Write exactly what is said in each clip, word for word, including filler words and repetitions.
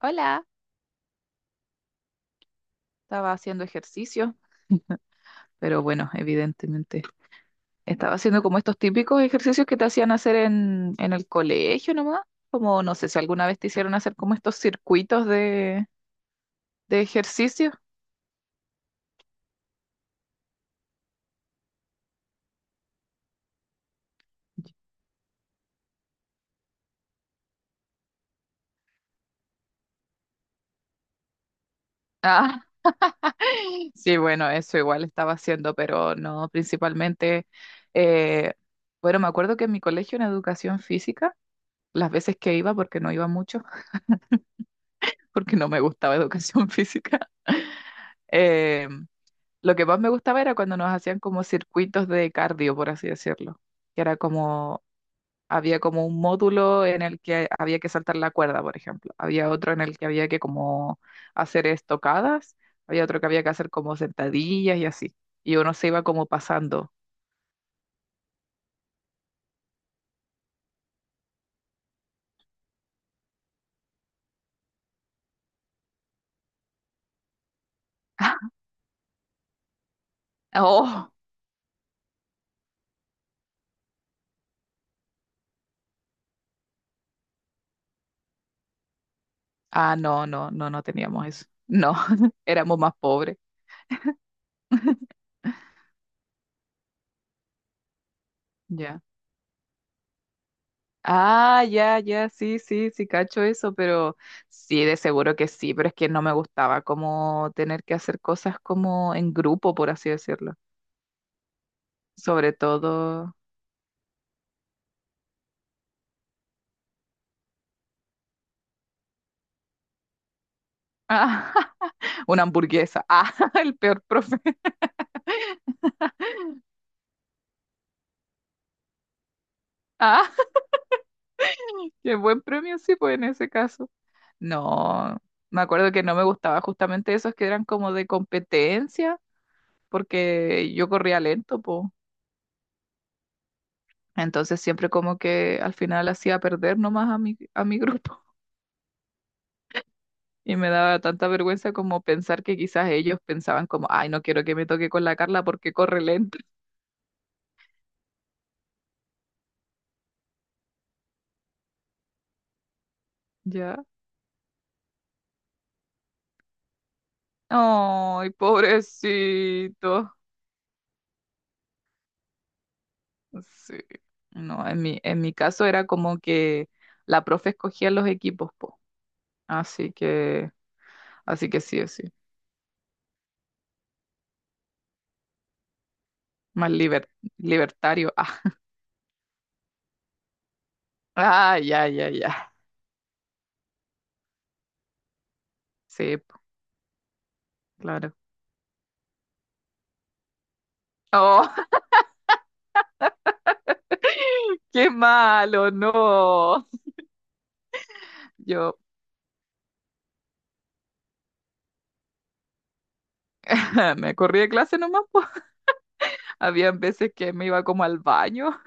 Hola, estaba haciendo ejercicio, pero bueno, evidentemente estaba haciendo como estos típicos ejercicios que te hacían hacer en, en el colegio nomás, como no sé si alguna vez te hicieron hacer como estos circuitos de, de ejercicio. Ah, sí, bueno, eso igual estaba haciendo, pero no, principalmente, eh, bueno, me acuerdo que en mi colegio en educación física, las veces que iba, porque no iba mucho, porque no me gustaba educación física. em, lo que más me gustaba era cuando nos hacían como circuitos de cardio, por así decirlo, que era como, había como un módulo en el que había que saltar la cuerda, por ejemplo, había otro en el que había que como hacer estocadas, había otro que había que hacer como sentadillas y así, y uno se iba como pasando. ¡Oh! Ah, no, no, no, no teníamos eso. No, éramos más pobres. Ya. Ah, ya, ya, sí, sí, sí, cacho eso, pero sí, de seguro que sí, pero es que no me gustaba como tener que hacer cosas como en grupo, por así decirlo. Sobre todo una hamburguesa. Ah, el peor profe. Ah, qué buen premio, sí, pues en ese caso. No, me acuerdo que no me gustaba justamente esos que eran como de competencia, porque yo corría lento, pues. Entonces siempre como que al final hacía perder nomás a mi, a mi grupo. Y me daba tanta vergüenza como pensar que quizás ellos pensaban como, ay, no quiero que me toque con la Carla porque corre lento. ¿Ya? Ay, pobrecito. Sí. No, en mi, en mi caso era como que la profe escogía los equipos, po. Así que, así que sí, sí. Más liber- Libertario. Ah, ah, ya, ya, ya. Sí, po, claro. Oh, qué malo, no. Yo me corrí de clase nomás, po. Habían veces que me iba como al baño.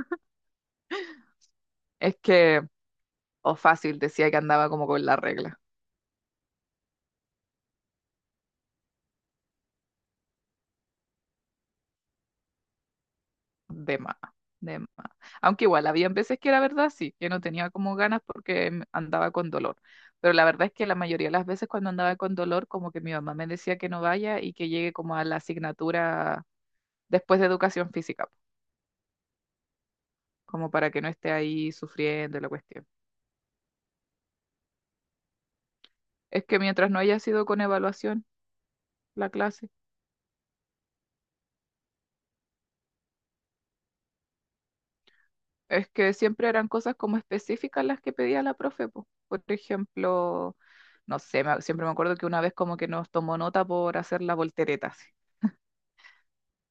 Es que, o fácil, decía que andaba como con la regla. De más, de más. Aunque igual, habían veces que era verdad, sí, que no tenía como ganas porque m- andaba con dolor. Pero la verdad es que la mayoría de las veces cuando andaba con dolor, como que mi mamá me decía que no vaya y que llegue como a la asignatura después de educación física, como para que no esté ahí sufriendo la cuestión. Es que mientras no haya sido con evaluación la clase. Es que siempre eran cosas como específicas las que pedía la profe, po. Por ejemplo, no sé, me- siempre me acuerdo que una vez como que nos tomó nota por hacer la voltereta, así.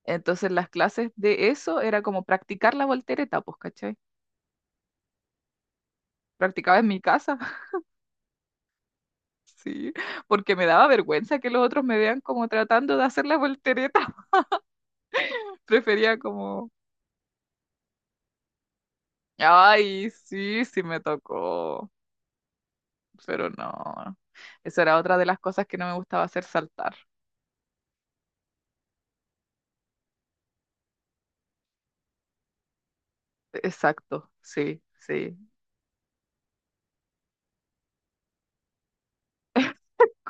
Entonces las clases de eso era como practicar la voltereta, pues, ¿cachai? Practicaba en mi casa, sí, porque me daba vergüenza que los otros me vean como tratando de hacer la voltereta. Prefería como, ay, sí, sí me tocó, pero no. Esa era otra de las cosas que no me gustaba hacer saltar. Exacto, sí, sí.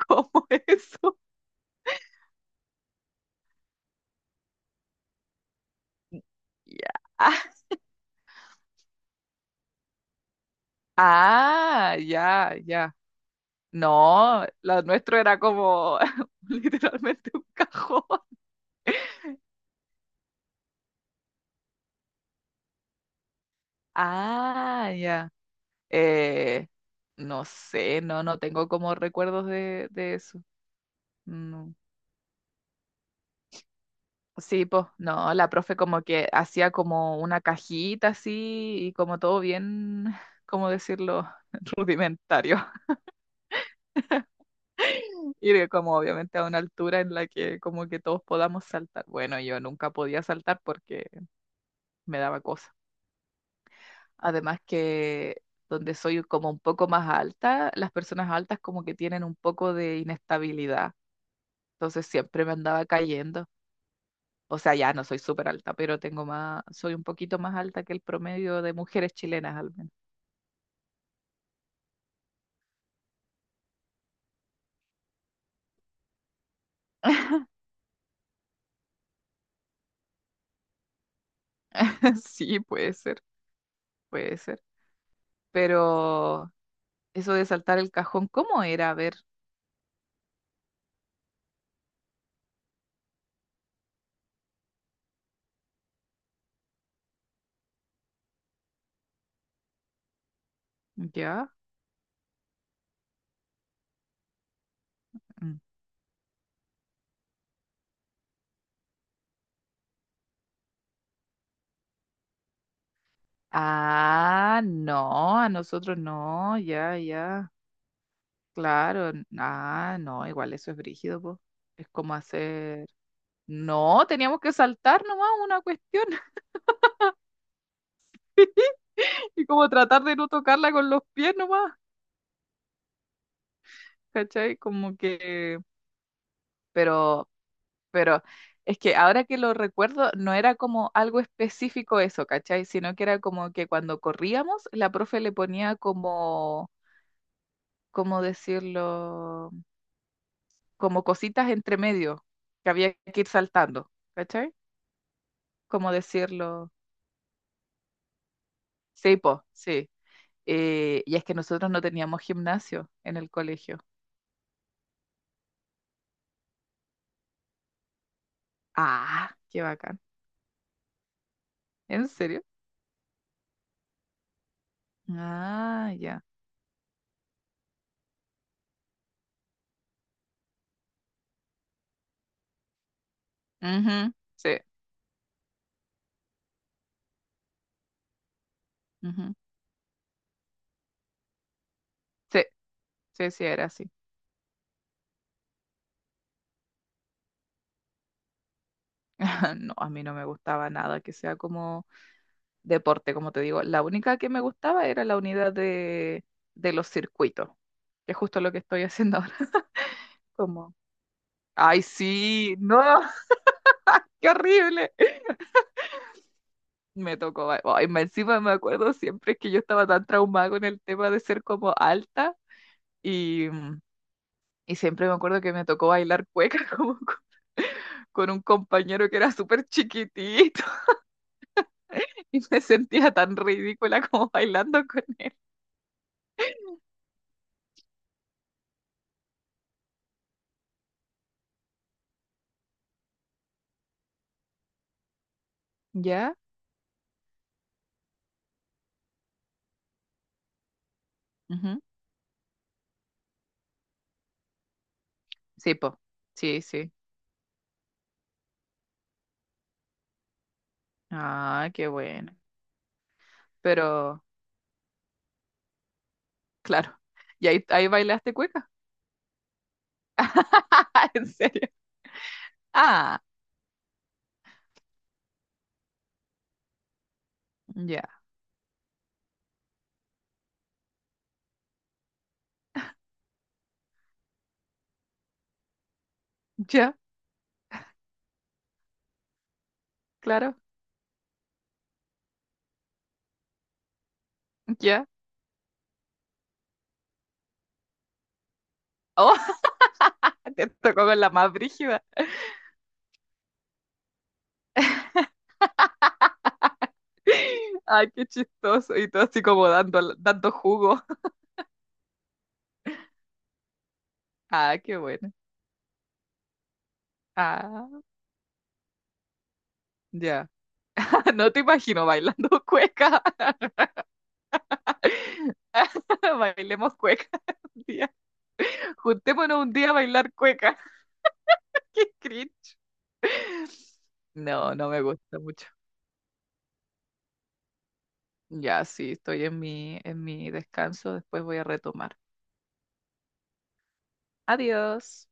¿Cómo eso? Ya. Ah, ya, ya. No, lo nuestro era como literalmente un cajón. Ah, ya. Eh, no sé, no, no tengo como recuerdos de, de eso. No. Sí, pues, no, la profe como que hacía como una cajita así y como todo bien, ¿cómo decirlo? Rudimentario. Y de como obviamente a una altura en la que como que todos podamos saltar. Bueno, yo nunca podía saltar porque me daba cosa. Además que donde soy como un poco más alta, las personas altas como que tienen un poco de inestabilidad. Entonces siempre me andaba cayendo. O sea, ya no soy súper alta, pero tengo más, soy un poquito más alta que el promedio de mujeres chilenas al menos. Sí, puede ser, puede ser. Pero eso de saltar el cajón, ¿cómo era? A ver, ya. Mm. Ah, no, a nosotros no, ya, ya, claro, n- ah, no, igual eso es brígido, po. Es como hacer, no, teníamos que saltar nomás una cuestión y como tratar de no tocarla con los pies nomás, ¿cachai? Como que, pero, pero es que ahora que lo recuerdo, no era como algo específico eso, ¿cachai? Sino que era como que cuando corríamos, la profe le ponía como, ¿cómo decirlo? Como cositas entre medio que había que ir saltando, ¿cachai? ¿Como decirlo? Sí, po, sí. Eh, y es que nosotros no teníamos gimnasio en el colegio. Ah, qué bacán. ¿En serio? Ah, ya. Ujú, sí, ujú. Sí, sí, sí, era así. No, a mí no me gustaba nada que sea como deporte, como te digo. La única que me gustaba era la unidad de, de los circuitos, que es justo lo que estoy haciendo ahora. Como, ay, sí, no. Qué horrible. Me tocó, ay, me- encima me acuerdo siempre que yo estaba tan traumada con el tema de ser como alta y, y siempre me acuerdo que me tocó bailar cueca como co- con un compañero que era súper chiquitito y me sentía tan ridícula como bailando con él. ¿Ya? Ujú. Sí, po. Sí, sí. Ah, qué bueno. Pero, claro. ¿Y ahí, ahí bailaste cueca? ¿En serio? Ah, ya, ya, claro, ya. Oh. Te tocó con la más brígida. Ay, qué chistoso. Y todo así como dando, dando jugo. Ah, qué bueno. Ah, ya. No te imagino bailando cueca. Bailemos cueca un día. Juntémonos un día a bailar cueca. Qué cringe. No, no me gusta mucho. Ya, sí, estoy en mi, en mi descanso. Después voy a retomar. Adiós.